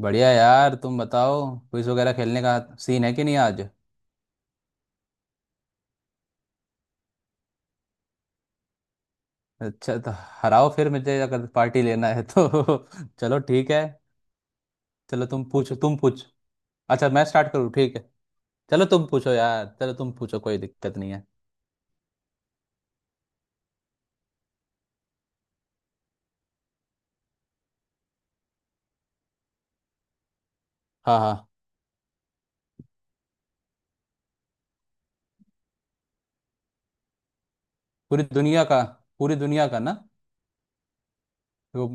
बढ़िया यार, तुम बताओ क्विज वगैरह खेलने का सीन है कि नहीं आज। अच्छा तो हराओ फिर मुझे अगर पार्टी लेना है तो चलो ठीक है। चलो तुम पूछो, तुम पूछ अच्छा मैं स्टार्ट करूँ ठीक है। चलो तुम पूछो यार, चलो तुम पूछो, कोई दिक्कत नहीं है। हाँ हाँ। पूरी दुनिया का पूरी दुनिया का ना? वो,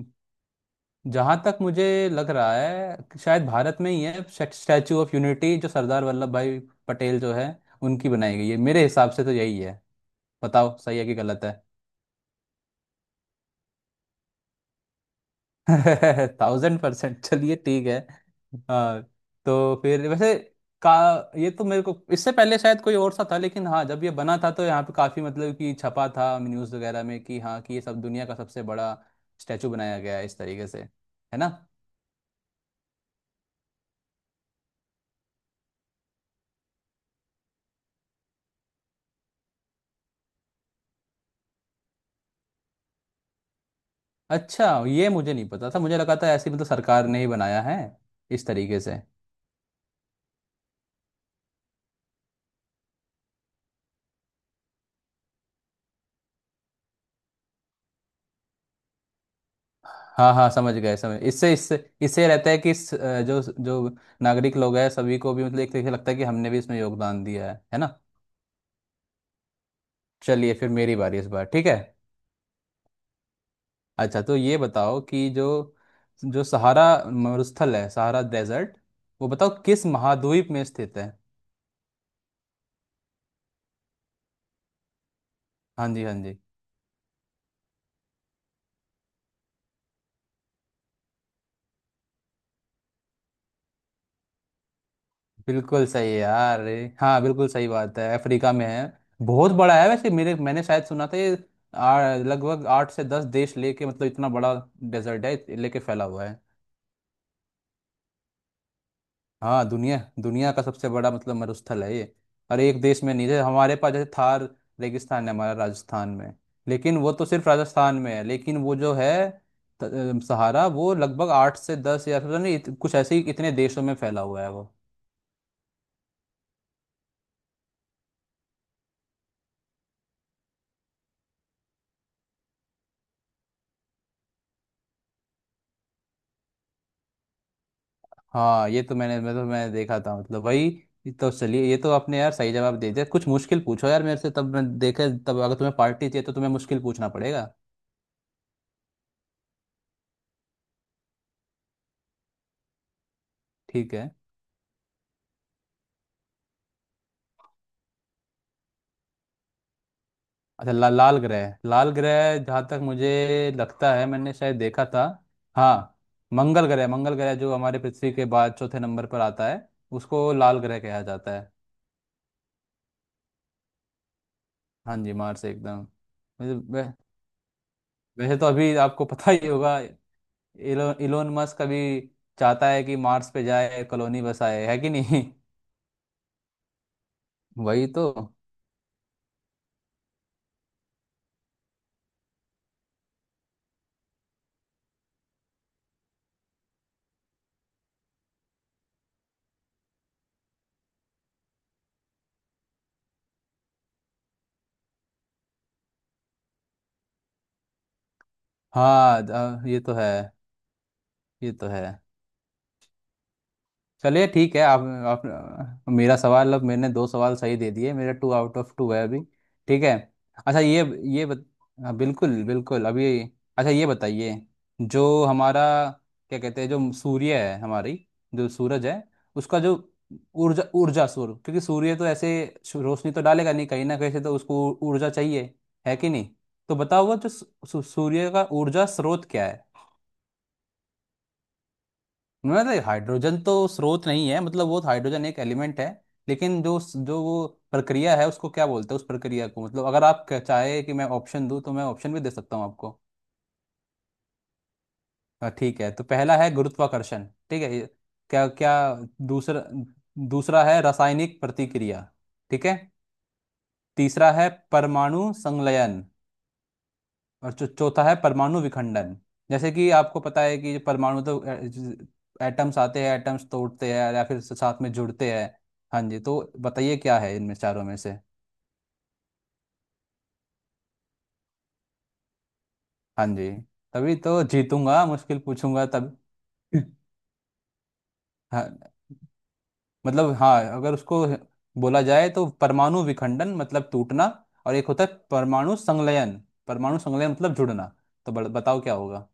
जहाँ तक मुझे लग रहा है कि शायद भारत में ही है। स्टैचू ऑफ यूनिटी, जो सरदार वल्लभ भाई पटेल जो है, उनकी बनाई गई है। मेरे हिसाब से तो यही है। बताओ सही है कि गलत है? 1000%, चलिए ठीक है। आ, तो फिर वैसे का, ये तो मेरे को इससे पहले शायद कोई और सा था, लेकिन हाँ जब ये बना था तो यहाँ पे काफी मतलब कि छपा था न्यूज़ वगैरह में कि हाँ, कि ये सब दुनिया का सबसे बड़ा स्टैचू बनाया गया है, इस तरीके से, है ना। अच्छा, ये मुझे नहीं पता था, मुझे लगा था ऐसी मतलब सरकार ने ही बनाया है इस तरीके से। हाँ हाँ, समझ गए, समझ इससे इससे इससे रहता है कि जो जो नागरिक लोग हैं सभी को भी, मतलब एक तरीके से लगता है कि हमने भी इसमें योगदान दिया है ना। चलिए, फिर मेरी बारी इस बार, ठीक है। अच्छा तो ये बताओ कि जो जो सहारा मरुस्थल है, सहारा डेजर्ट, वो बताओ किस महाद्वीप में स्थित है? हाँ जी हाँ जी। बिल्कुल सही है यार, अरे हाँ, बिल्कुल सही बात है, अफ्रीका में है। बहुत बड़ा है वैसे, मेरे, मैंने शायद सुना था ये लगभग 8 से 10 देश लेके, मतलब इतना बड़ा डेजर्ट है लेके, फैला हुआ है। हाँ, दुनिया दुनिया का सबसे बड़ा मतलब मरुस्थल है ये, और एक देश में नहीं है हमारे पास। जैसे थार रेगिस्तान है हमारा राजस्थान में, लेकिन वो तो सिर्फ राजस्थान में है, लेकिन वो जो है सहारा वो लगभग 8 से 10, या फिर नहीं कुछ ऐसे ही, इतने देशों में फैला हुआ है वो। हाँ ये तो मैंने, मैंने देखा था, मतलब वही। ये तो चलिए, ये तो आपने यार सही जवाब दे दिया। कुछ मुश्किल पूछो यार मेरे से, तब मैं देखे, तब अगर तुम्हें पार्टी चाहिए तो तुम्हें मुश्किल पूछना पड़ेगा। ठीक है। अच्छा लाल ग्रह, जहाँ तक मुझे लगता है, मैंने शायद देखा था। हाँ, मंगल ग्रह, जो हमारे पृथ्वी के बाद चौथे नंबर पर आता है, उसको लाल ग्रह कहा जाता है। हाँ जी, मार्स एकदम। वैसे वै- वैसे तो अभी आपको पता ही होगा, इलोन मस्क अभी चाहता है कि मार्स पे जाए, कॉलोनी बसाए, है कि नहीं। वही तो। हाँ ये तो है, ये तो है चलिए ठीक है। आप मेरा सवाल, अब मैंने 2 सवाल सही दे दिए, मेरा 2 आउट ऑफ 2 है अभी। ठीक है। अच्छा ये, ये बत, हाँ बिल्कुल बिल्कुल अभी। अच्छा ये बताइए, जो हमारा, क्या कहते हैं, जो सूर्य है हमारी, जो सूरज है, उसका जो ऊर्जा, सूर्य, क्योंकि सूर्य तो ऐसे रोशनी तो डालेगा नहीं, कहीं ना कहीं से तो उसको ऊर्जा चाहिए, है कि नहीं? तो बताओ वो जो सू- सू- सूर्य का ऊर्जा स्रोत क्या है? मतलब हाइड्रोजन तो स्रोत नहीं है, मतलब वो हाइड्रोजन एक एलिमेंट है, लेकिन जो जो वो प्रक्रिया है उसको क्या बोलते हैं उस प्रक्रिया को। मतलब अगर आप चाहे कि मैं ऑप्शन दूं तो मैं ऑप्शन भी दे सकता हूं आपको। हाँ ठीक है, तो पहला है गुरुत्वाकर्षण, ठीक है। ये- क्या क्या दूसरा, है रासायनिक प्रतिक्रिया, ठीक है। तीसरा है परमाणु संलयन, और जो चौथा है परमाणु विखंडन। जैसे कि आपको पता है कि परमाणु तो, एटम्स आते हैं, एटम्स तोड़ते हैं या फिर साथ में जुड़ते हैं। हाँ जी, तो बताइए क्या है इनमें चारों में से? हाँ जी, तभी तो जीतूंगा, मुश्किल पूछूंगा तब। हाँ मतलब हाँ, अगर उसको बोला जाए तो परमाणु विखंडन मतलब टूटना, और एक होता है परमाणु संलयन, परमाणु संलयन मतलब जुड़ना। तो बताओ क्या होगा?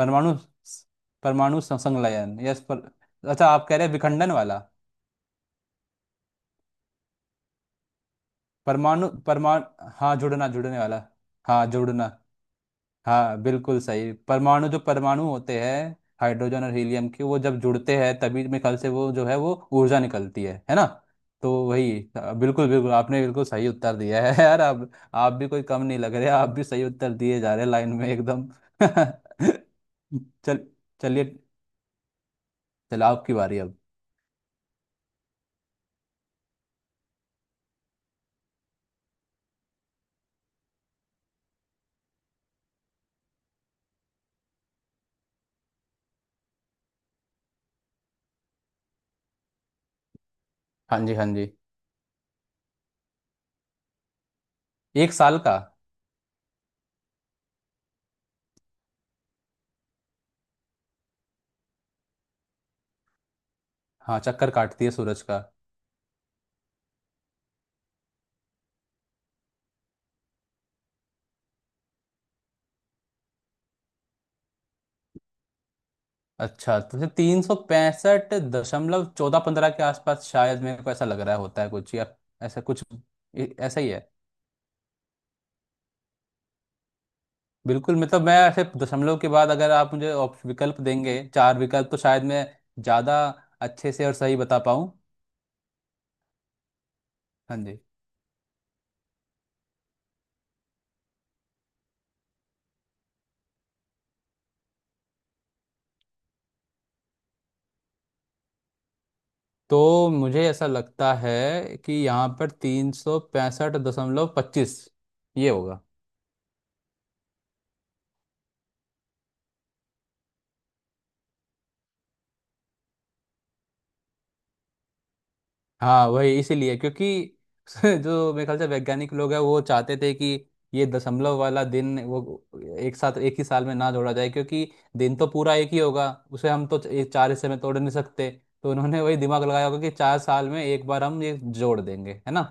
परमाणु परमाणु सं- संलयन, यस पर अच्छा, आप कह रहे हैं विखंडन वाला? परमाणु परमाणु हाँ जुड़ना, जुड़ने वाला। हाँ जुड़ना। हाँ बिल्कुल सही, परमाणु जो परमाणु होते हैं हाइड्रोजन और हीलियम के, वो जब जुड़ते हैं तभी मेरे ख्याल से वो जो है, वो ऊर्जा निकलती है ना। तो वही बिल्कुल बिल्कुल, आपने बिल्कुल सही उत्तर दिया है यार, आप भी कोई कम नहीं लग रहे, आप भी सही उत्तर दिए जा रहे हैं लाइन में, एकदम चल चलिए, चलो आपकी बारी अब। हाँ जी हाँ जी। एक साल का? हाँ, चक्कर काटती है सूरज का। अच्छा, तो जैसे तीन सौ पैंसठ दशमलव चौदह पंद्रह के आसपास शायद, मेरे को ऐसा लग रहा होता है कुछ, या ऐसा कुछ। ऐसा ही है बिल्कुल। मतलब मैं ऐसे दशमलव के बाद अगर आप मुझे विकल्प देंगे, चार विकल्प, तो शायद मैं ज़्यादा अच्छे से और सही बता पाऊँ। हाँ जी। तो मुझे ऐसा लगता है कि यहाँ पर 365.25, ये होगा। हाँ वही, इसीलिए क्योंकि जो मेरे ख्याल से वैज्ञानिक लोग हैं, वो चाहते थे कि ये दशमलव वाला दिन वो एक साथ एक ही साल में ना जोड़ा जाए, क्योंकि दिन तो पूरा एक ही होगा, उसे हम तो एक चार हिस्से में तोड़ नहीं सकते। तो उन्होंने वही दिमाग लगाया होगा कि 4 साल में एक बार हम ये जोड़ देंगे, है ना।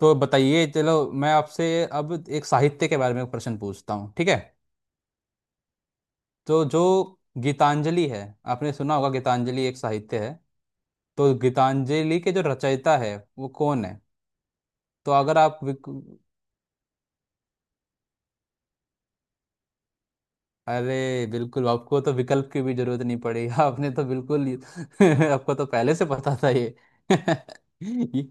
तो बताइए, चलो मैं आपसे अब एक साहित्य के बारे में प्रश्न पूछता हूँ, ठीक है। तो जो गीतांजलि है, आपने सुना होगा, गीतांजलि एक साहित्य है, तो गीतांजलि के जो रचयिता है वो कौन है? तो अगर आप अरे बिल्कुल, आपको तो विकल्प की भी जरूरत नहीं पड़ी आपने तो बिल्कुल आपको तो पहले से पता था ये ये-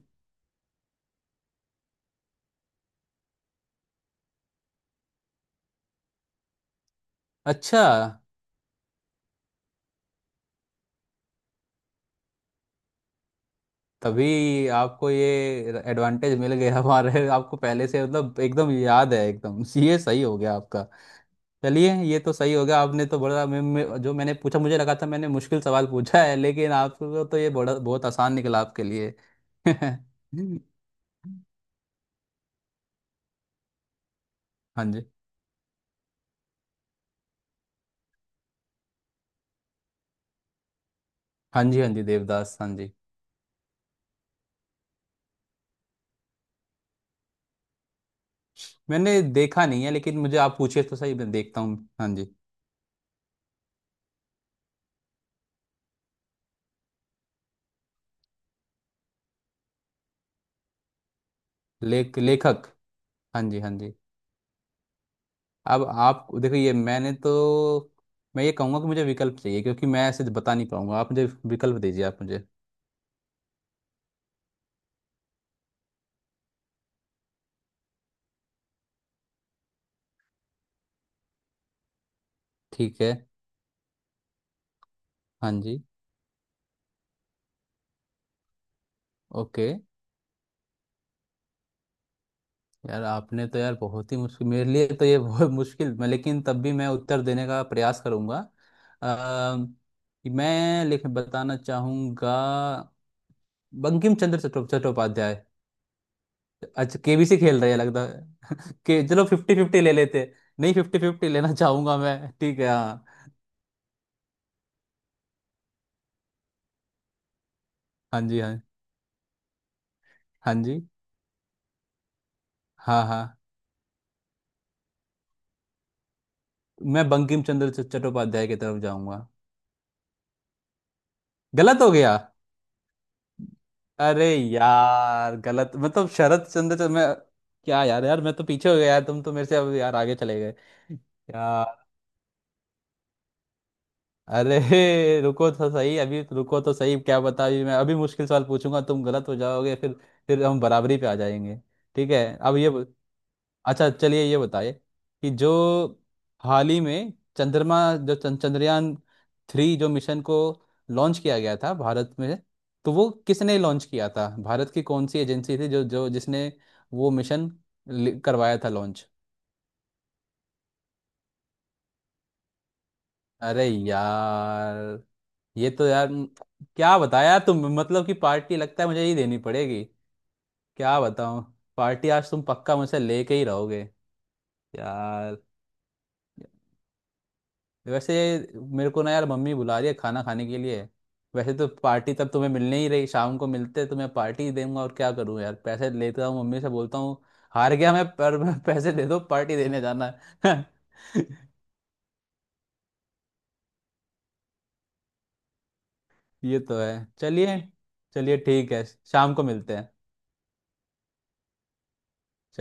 अच्छा। तभी आपको ये एडवांटेज मिल गया हमारे आपको पहले से मतलब एकदम याद है एकदम ये सही हो गया आपका। चलिए ये तो सही हो गया आपने, तो बड़ा जो मैंने पूछा, मुझे लगा था मैंने मुश्किल सवाल पूछा है, लेकिन आपको तो ये बड़ा बहुत आसान निकला आपके लिए हाँ जी हाँ जी, हाँ जी देवदास, हाँ जी। मैंने देखा नहीं है, लेकिन मुझे आप पूछिए तो सही, मैं देखता हूँ, हाँ जी। लेखक, हाँ जी हाँ जी। अब आप देखो, ये मैंने तो, मैं ये कहूँगा कि मुझे विकल्प चाहिए, क्योंकि मैं ऐसे बता नहीं पाऊंगा। आप मुझे विकल्प दीजिए आप मुझे। ठीक है, हाँ जी, ओके। यार आपने तो यार बहुत ही मुश्किल मेरे लिए तो ये बहुत मुश्किल, मैं लेकिन तब भी मैं उत्तर देने का प्रयास करूँगा। अम, मैं लिख बताना चाहूँगा। बंकिम चंद्र चट्टोपाध्याय। अच्छा, केबीसी खेल रहे हैं लगता है कि, चलो 50-50 ले लेते, नहीं 50-50 लेना चाहूंगा मैं, ठीक है हाँ। हाँ जी हाँ, हाँ जी हाँ, हाँ। मैं बंकिम चंद्र चट्टोपाध्याय की तरफ जाऊंगा। गलत हो गया? अरे यार, गलत मतलब शरद चंद्र मैं, क्या यार। यार, मैं तो पीछे हो गया यार, तुम तो मेरे से अब यार आगे चले गए यार। अरे रुको तो सही अभी, तो रुको तो सही, क्या बता अभी, मैं अभी मुश्किल सवाल पूछूंगा, तुम गलत हो जाओगे। फिर हम बराबरी पे आ जाएंगे। ठीक है। अब ये अच्छा चलिए, ये बताइए कि जो हाल ही में चंद्रमा, जो चंद्रयान 3 जो मिशन को लॉन्च किया गया था भारत में, तो वो किसने लॉन्च किया था, भारत की कौन सी एजेंसी थी जो, जिसने वो मिशन करवाया था लॉन्च? अरे यार, ये तो यार क्या बताया तुम, मतलब कि पार्टी लगता है मुझे ही देनी पड़ेगी। क्या बताऊं, पार्टी आज तुम पक्का मुझसे लेके ही रहोगे यार। वैसे, मेरे को ना यार, मम्मी बुला रही है खाना खाने के लिए। वैसे तो पार्टी तब तुम्हें मिलने ही रही, शाम को मिलते तो मैं पार्टी ही दूंगा, और क्या करूं यार, पैसे लेता हूँ मम्मी से, बोलता हूँ हार गया मैं, पर पैसे दे दो, पार्टी देने जाना है। ये तो है। चलिए, चलिए ठीक है, शाम को मिलते हैं।